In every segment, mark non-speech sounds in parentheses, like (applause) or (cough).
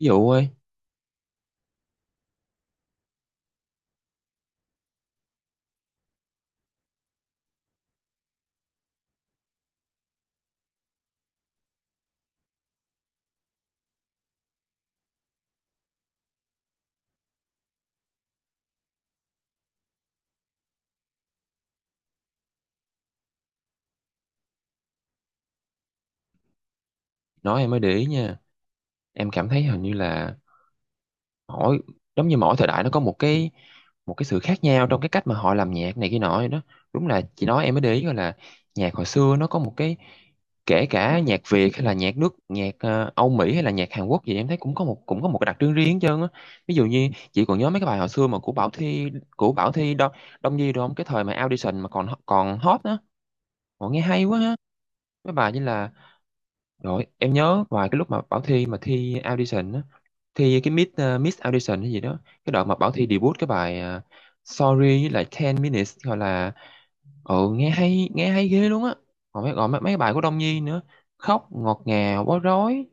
Ví dụ ơi, nói em mới để ý nha. Em cảm thấy hình như là mỗi giống như mỗi thời đại nó có một cái sự khác nhau trong cái cách mà họ làm nhạc này kia nọ vậy đó. Đúng là chị nói em mới để ý gọi là nhạc hồi xưa nó có một cái kể cả nhạc Việt hay là nhạc Âu Mỹ hay là nhạc Hàn Quốc gì em thấy cũng có một cái đặc trưng riêng hết trơn á. Ví dụ như chị còn nhớ mấy cái bài hồi xưa mà của Bảo Thy Đông Đông Nhi đúng không? Cái thời mà audition mà còn còn hot á. Họ nghe hay quá ha. Mấy bài như là rồi, em nhớ vài cái lúc mà Bảo Thy mà thi audition á, thi cái Miss audition hay gì đó, cái đoạn mà Bảo Thy debut cái bài Sorry với lại ten minutes gọi là ừ nghe hay ghê luôn á. Còn mấy bài của Đông Nhi nữa, khóc ngọt ngào bối rối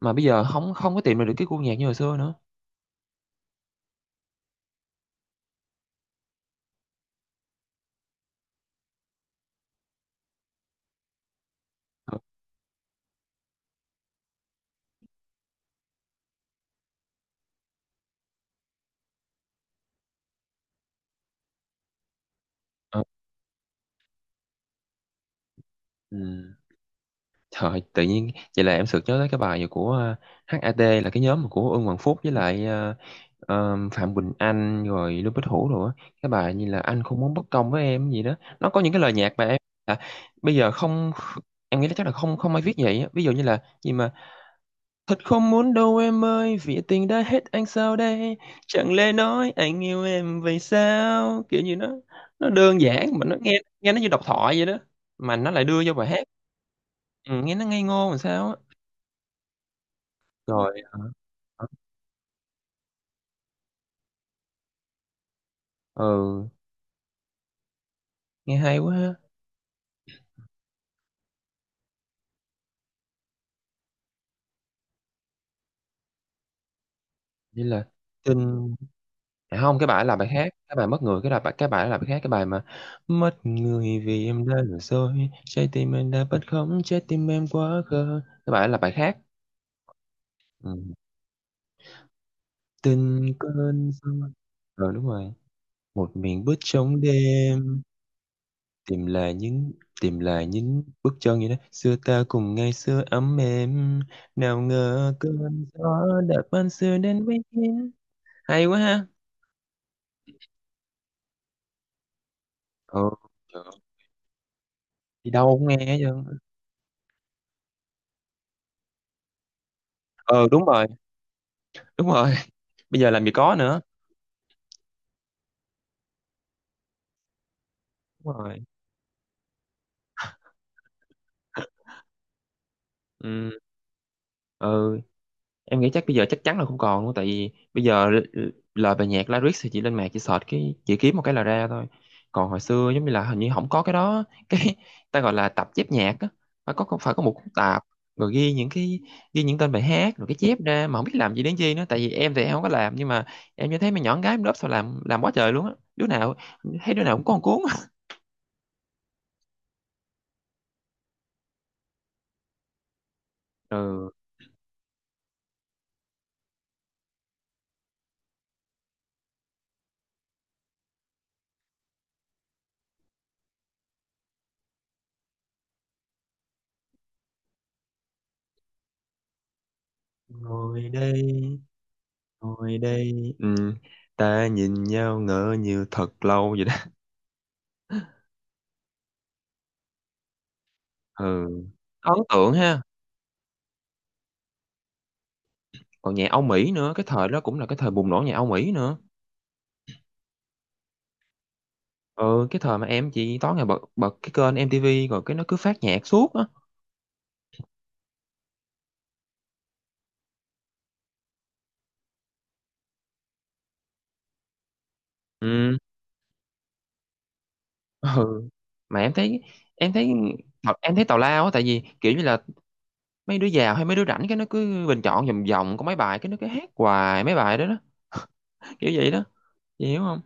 mà bây giờ không không có tìm được cái gu nhạc như hồi xưa nữa. Ừ. Ừ. Trời, tự nhiên vậy là em sực nhớ tới cái bài của HAT là cái nhóm của Ưng Hoàng Phúc với lại Phạm Quỳnh Anh rồi Lưu Bích Hữu rồi á. Cái bài như là anh không muốn bất công với em gì đó. Nó có những cái lời nhạc mà em à, bây giờ không em nghĩ là chắc là không không ai viết vậy á. Ví dụ như là gì mà thật không muốn đâu em ơi vì tình đã hết anh sao đây chẳng lẽ nói anh yêu em vậy sao kiểu như nó đơn giản mà nó nghe nghe nó như độc thoại vậy đó mà nó lại đưa vô bài hát ừ, nghe nó ngây ngô làm sao á rồi hả? Ừ, nghe hay quá ha. Vậy là tin à, không cái bài là bài khác cái bài mất người cái là bài cái bài là bài khác cái bài mà mất người vì em đã lừa dối trái tim em đã bất khống trái tim em quá khờ cái bài là bài khác. Ừ. Tình cơn gió. Ừ đúng rồi. Một miền bước trong đêm. Tìm lại những tìm lại những bước chân như đó xưa ta cùng ngày xưa ấm êm, nào ngờ cơn gió đã ban xưa đến với em. Hay quá ha. Ừ, trời ơi, đi đâu cũng nghe hết trơn. Ờ đúng rồi đúng rồi (laughs) Bây giờ làm gì có nữa. Đúng rồi. Ừ. Ừ. Em nghĩ chắc bây giờ chắc chắn là không còn luôn tại vì bây giờ lời bài nhạc lyrics thì chị lên mạng chị search cái chị kiếm một cái là ra thôi. Còn hồi xưa giống như là hình như không có cái đó (laughs) cái ta gọi là tập chép nhạc á, phải có một cuốn tạp, rồi ghi những tên bài hát rồi cái chép ra mà không biết làm gì đến chi nữa tại vì em thì em không có làm nhưng mà em như thấy mấy nhỏ con gái lớp sao làm quá trời luôn á, đứa nào thấy đứa nào cũng có một cuốn. Ừ. Ngồi đây. Ngồi đây, ừ, ta nhìn nhau ngỡ như thật lâu vậy đó. (laughs) Ừ, ấn tượng ha. Còn nhạc Âu Mỹ nữa, cái thời đó cũng là cái thời bùng nổ nhạc Âu Mỹ nữa. Ừ, cái thời mà em chỉ tối ngày bật bật cái kênh MTV rồi cái nó cứ phát nhạc suốt á. Ừ. (laughs) Ừ, mà em thấy em thấy tào lao á tại vì kiểu như là mấy đứa giàu hay mấy đứa rảnh cái nó cứ bình chọn vòng vòng có mấy bài cái nó cứ hát hoài mấy bài đó đó. (laughs) Kiểu vậy đó. Chị hiểu không?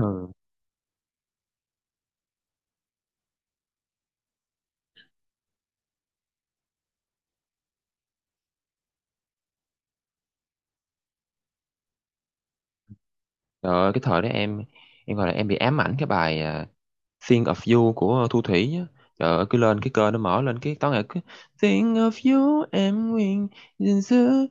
Ừ. Trời ơi, cái thời đó em gọi là em bị ám ảnh cái bài, Think of You của Thu Thủy á. Trời ơi, cứ lên cái kênh nó mở lên cái tối ngày cứ Think of you em nguyện gìn giữ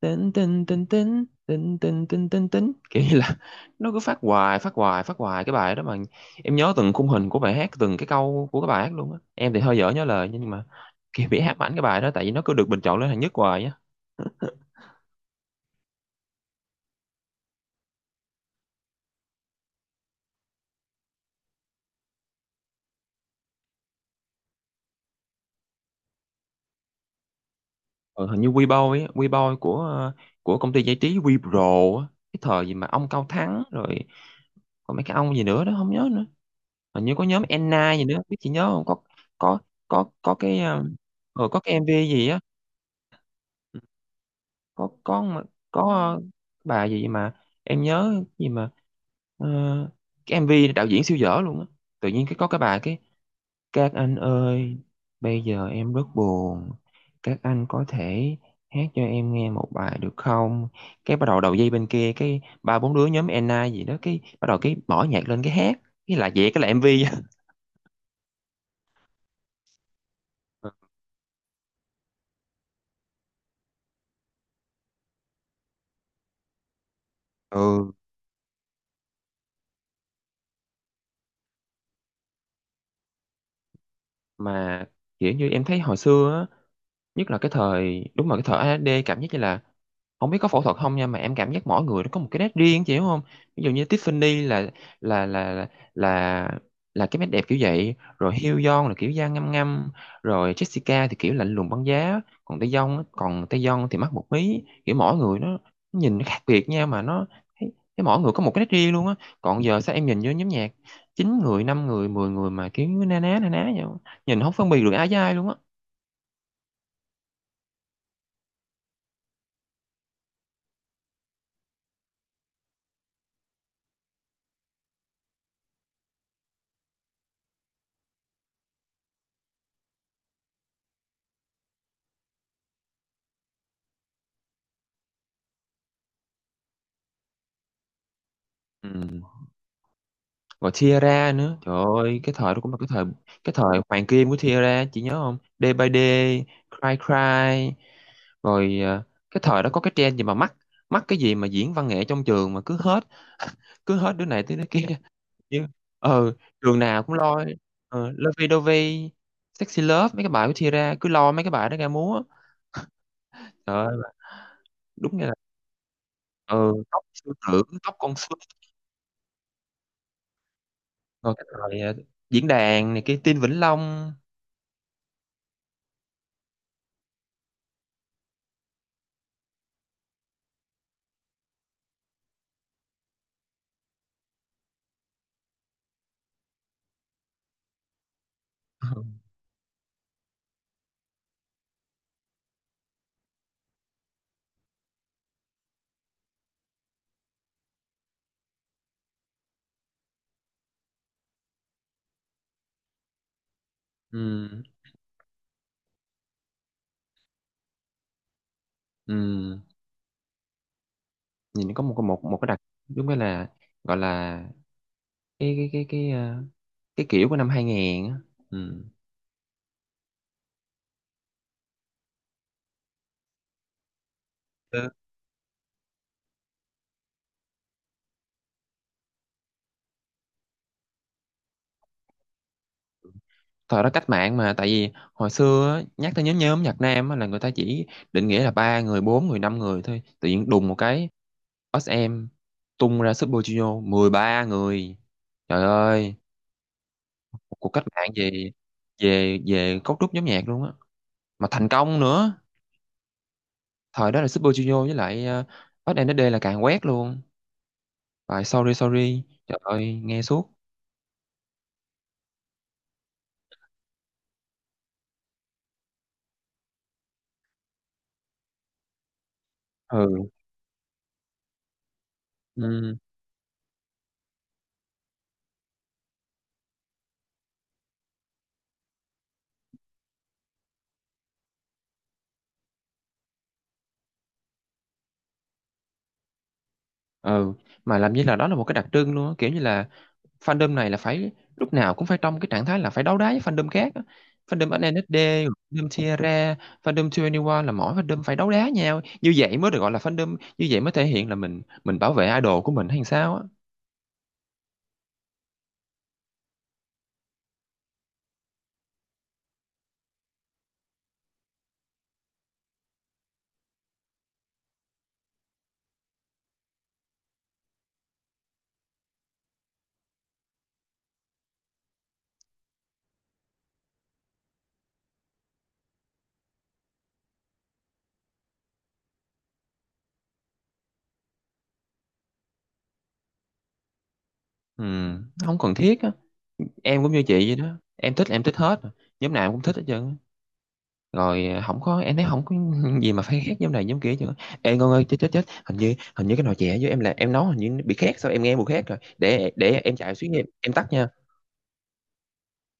tình tình tình tình tình tình tình tình tình kiểu như là (laughs) nó cứ phát hoài phát hoài cái bài đó mà em nhớ từng khung hình của bài hát, từng cái câu của cái bài hát luôn á, em thì hơi dở nhớ lời nhưng mà kiểu bị ám ảnh cái bài đó tại vì nó cứ được bình chọn lên hạng nhất hoài á. Ờ, hình như Weibo ấy, Weibo của công ty giải trí Wepro á, cái thời gì mà ông Cao Thắng rồi còn mấy cái ông gì nữa đó không nhớ nữa. Hình như có nhóm Enna gì nữa, biết chị nhớ không? Có có cái có cái MV gì á, ừ. Có có mà- có ờ, bà gì mà em nhớ gì mà ờ, cái MV đạo diễn siêu dở luôn á. Tự nhiên cái có cái bà cái các anh ơi, bây giờ em rất buồn. Các anh có thể hát cho em nghe một bài được không? Cái bắt đầu đầu dây bên kia, cái ba bốn đứa nhóm Enna gì đó, cái bắt đầu cái mở nhạc lên cái hát. Cái là vậy, cái là MV. Ừ, mà kiểu như em thấy hồi xưa á, nhất là cái thời, đúng là cái thời AD cảm giác như là không biết có phẫu thuật không nha mà em cảm giác mỗi người nó có một cái nét riêng chị hiểu không? Ví dụ như Tiffany là là là là là cái nét đẹp kiểu vậy, rồi Hyun là kiểu da ngăm ngăm, rồi Jessica thì kiểu lạnh lùng băng giá, còn Taeyong thì mắt một mí, kiểu mỗi người nó nhìn nó khác biệt nha mà nó thấy thấy mỗi người có một cái nét riêng luôn á. Còn giờ sao em nhìn vô nhóm nhạc chín người, năm người, 10 người mà kiểu na ná vậy, nhìn không phân biệt được ai với ai luôn á. Ừ. Rồi Tiara nữa, trời ơi cái thời đó cũng là cái thời hoàng kim của Tiara, chị nhớ không? Day by Day, Cry Cry, rồi à, cái thời đó có cái trend gì mà mắc mắc cái gì mà diễn văn nghệ trong trường mà cứ hết đứa này tới đứa kia. (laughs) Nhưng ờ trường nào cũng lo ờ, Lovey Dovey, Sexy Love, mấy cái bài của Tiara cứ lo mấy cái bài đó ra múa. Trời ơi, đúng như là ừ, tóc sư tử, tóc con sư rồi cái thời diễn đàn này kia Tin Vĩnh Long. (laughs) Ừ. Ừ. Nhìn có một cái đặc đúng cái là gọi là cái cái kiểu của năm 2000 á. Ừ. Ừ. Thời đó cách mạng mà tại vì hồi xưa á, nhắc tới nhóm nhóm nhạc nam á, là người ta chỉ định nghĩa là ba người bốn người năm người thôi tự nhiên đùng một cái SM tung ra Super Junior 13 người, trời ơi, một cuộc cách mạng về về về cấu trúc nhóm nhạc luôn á mà thành công nữa. Thời đó là Super Junior với lại ét em đê là càng quét luôn, phải sorry sorry trời ơi nghe suốt. Ừ. Ừ. Ừ, mà làm như là đó là một cái đặc trưng luôn á kiểu như là fandom này là phải lúc nào cũng phải trong cái trạng thái là phải đấu đá với fandom khác á. Fandom SNSD, fandom Tierra, fandom 21 là mỗi fandom phải đấu đá nhau, như vậy mới được gọi là fandom, như vậy mới thể hiện là mình bảo vệ idol của mình hay sao á. Ừ, không cần thiết á, em cũng như chị vậy đó, em thích là em thích hết, nhóm nào em cũng thích hết trơn á. Rồi không có em thấy không có gì mà phải khác giống này giống kia chứ. Ê Ngân ơi, chết chết chết hình như cái nồi chè với em là em nấu hình như nó bị khét sao em nghe mùi khét rồi, để em chạy xuống em tắt nha.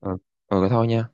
Ừ, ừ rồi thôi nha.